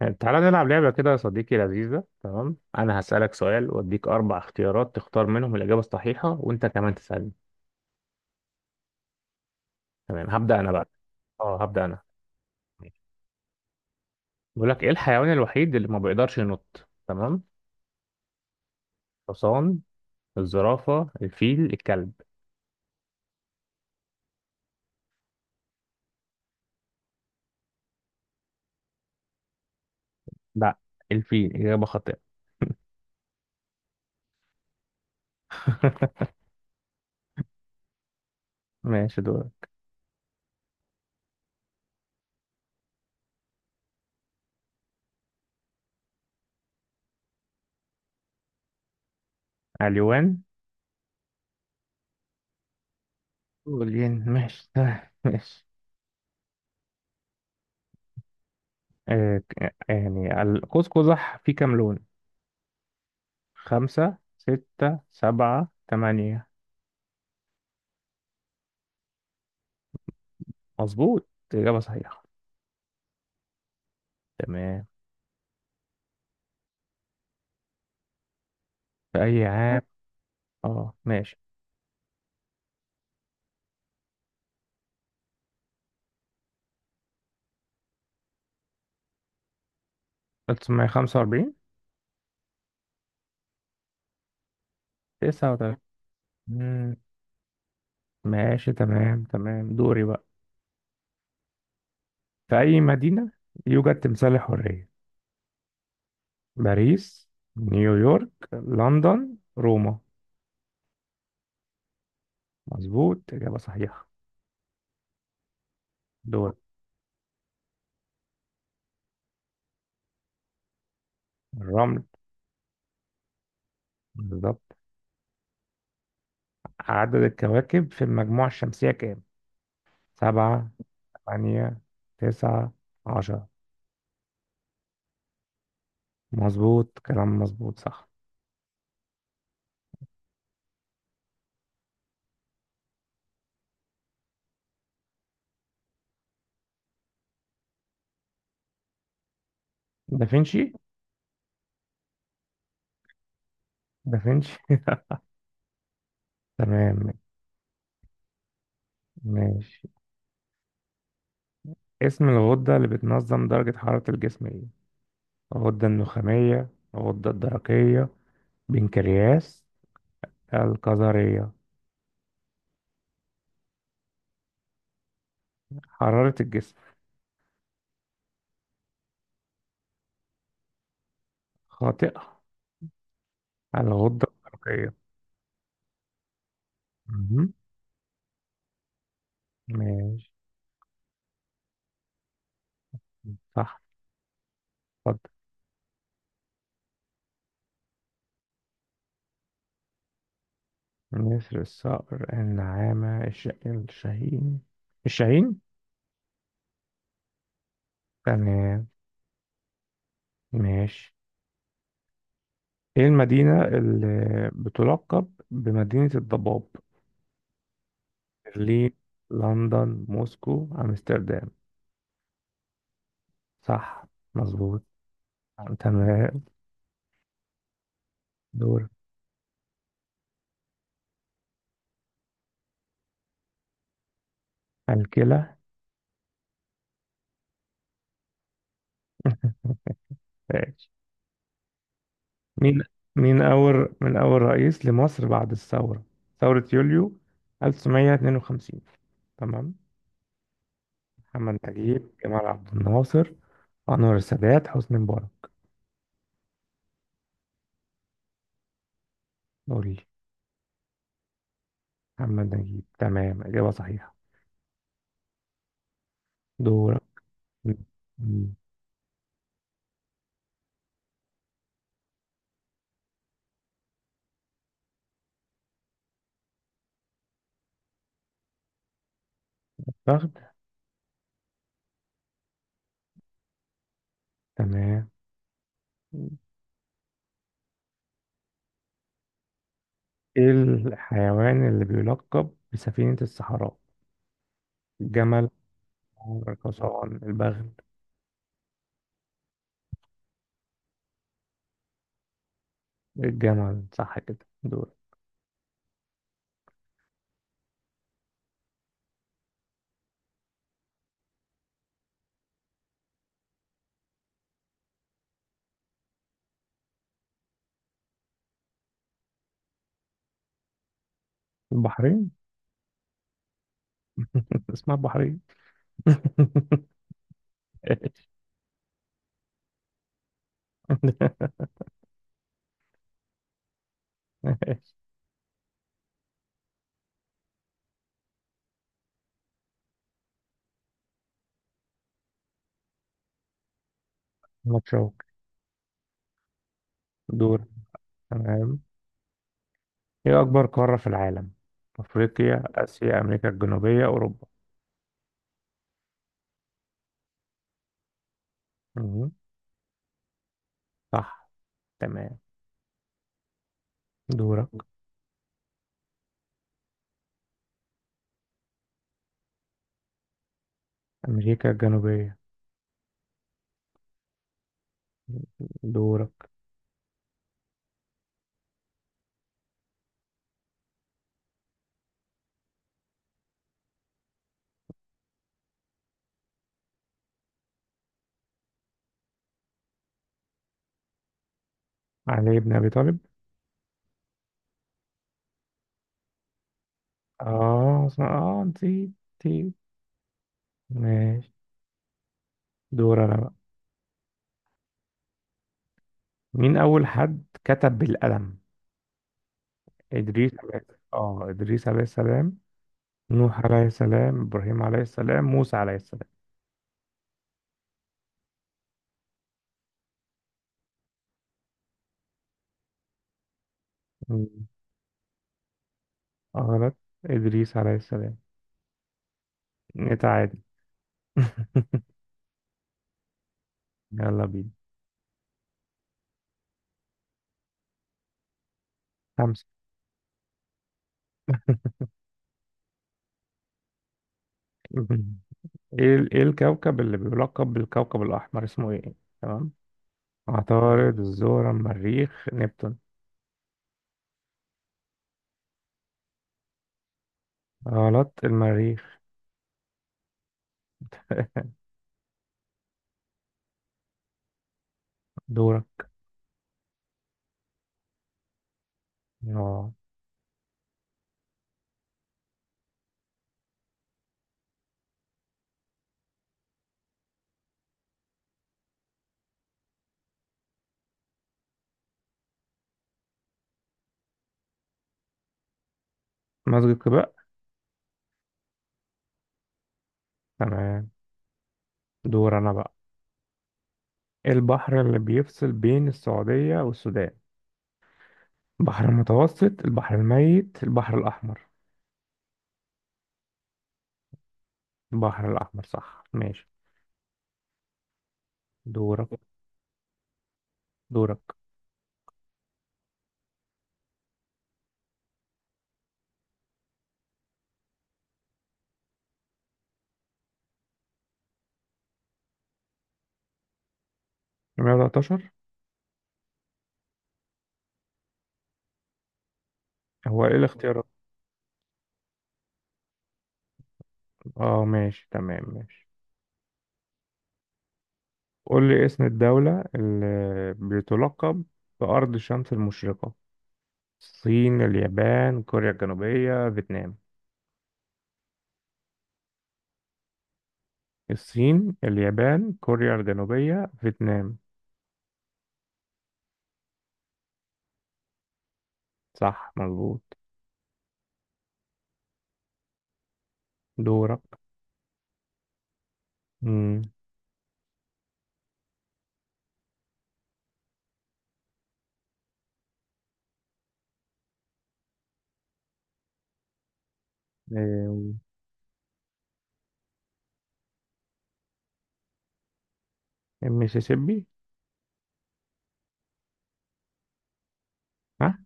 يعني تعالى نلعب لعبة كده يا صديقي. لذيذة. تمام، أنا هسألك سؤال وأديك أربع اختيارات تختار منهم الإجابة الصحيحة وأنت كمان تسألني. تمام هبدأ أنا بقى. أه هبدأ أنا. بيقول لك إيه الحيوان الوحيد اللي ما بيقدرش ينط؟ تمام. الحصان، الزرافة، الفيل، الكلب. لا، الفيل إجابة خاطئة. ماشي دور. اليوان. والين ماشي. ماشي. قوس قزح فيه كام لون؟ خمسة، ستة، سبعة، تمانية. مظبوط، إجابة صحيحة. تمام. في أي عام؟ اه ماشي. 1945. 39. ماشي تمام دوري بقى. في أي مدينة يوجد تمثال الحرية؟ باريس، نيويورك، لندن، روما. مظبوط، إجابة صحيحة. دور. الرمل. بالظبط. عدد الكواكب في المجموعة الشمسية كام؟ سبعة، ثمانية، تسعة، 10. مظبوط، كلام مظبوط، صح. دافنشي. دافنشي. تمام. ماشي. اسم الغدة اللي بتنظم درجة حرارة الجسم ايه؟ الغدة النخامية، الغدة الدرقية، بنكرياس، الكظرية. حرارة الجسم. خاطئة، الغدة الدرقية. مهم. ماشي. صح. اتفضل. نسر، الصقر، النعامة، الشاهين. الشاهين. تمام. ماشي. ايه المدينة اللي بتلقب بمدينة الضباب؟ برلين، لندن، موسكو، امستردام. صح، مظبوط. تمام. دور. الكلى. ماشي. مين مين أول رئيس لمصر بعد الثورة؟ ثورة يوليو 1952. تمام. محمد نجيب، جمال عبد الناصر، أنور السادات، حسني مبارك. قول لي. محمد نجيب. تمام، إجابة صحيحة. دورك. م- فخد. تمام. إيه الحيوان اللي بيلقب بسفينة الصحراء؟ الجمل، الحصان، البغل. الجمل صح كده. دور. البحرين. اسمها البحرية. متشوق. دور. تمام. ايه أكبر قارة في العالم؟ أفريقيا، آسيا، أمريكا الجنوبية، أوروبا. مهم. صح. تمام. دورك. أمريكا الجنوبية. دورك. علي بن أبي طالب. آه صح. آه نسيت، نسيت. ماشي. دور أنا بقى. مين أول حد كتب بالقلم؟ إدريس عليه. آه إدريس عليه السلام، نوح عليه السلام، إبراهيم عليه السلام، موسى عليه السلام. غلط، إدريس عليه السلام. نتعادل. يلا بينا. خمسة. إيه الكوكب اللي بيلقب بالكوكب الأحمر اسمه إيه؟ تمام. عطارد، الزهرة، المريخ، نبتون. غلط، المريخ. دورة. اه. مسجد قباء. تمام. دور أنا بقى. إيه البحر اللي بيفصل بين السعودية والسودان؟ البحر المتوسط، البحر الميت، البحر الأحمر. البحر الأحمر صح. ماشي. دورك دورك 113. هو إيه الاختيارات؟ اه ماشي، تمام ماشي. قول لي اسم الدولة اللي بتلقب بأرض الشمس المشرقة. الصين، اليابان، كوريا الجنوبية، فيتنام. الصين، اليابان، كوريا الجنوبية، فيتنام. صح، مظبوط. دورك. مم. إيه، المسيسيبي. ها.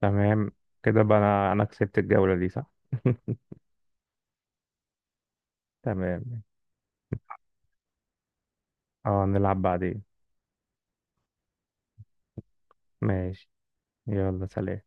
تمام. كده بقى أنا كسبت الجولة دي صح. تمام. اه نلعب بعدين. ماشي. يلا سلام.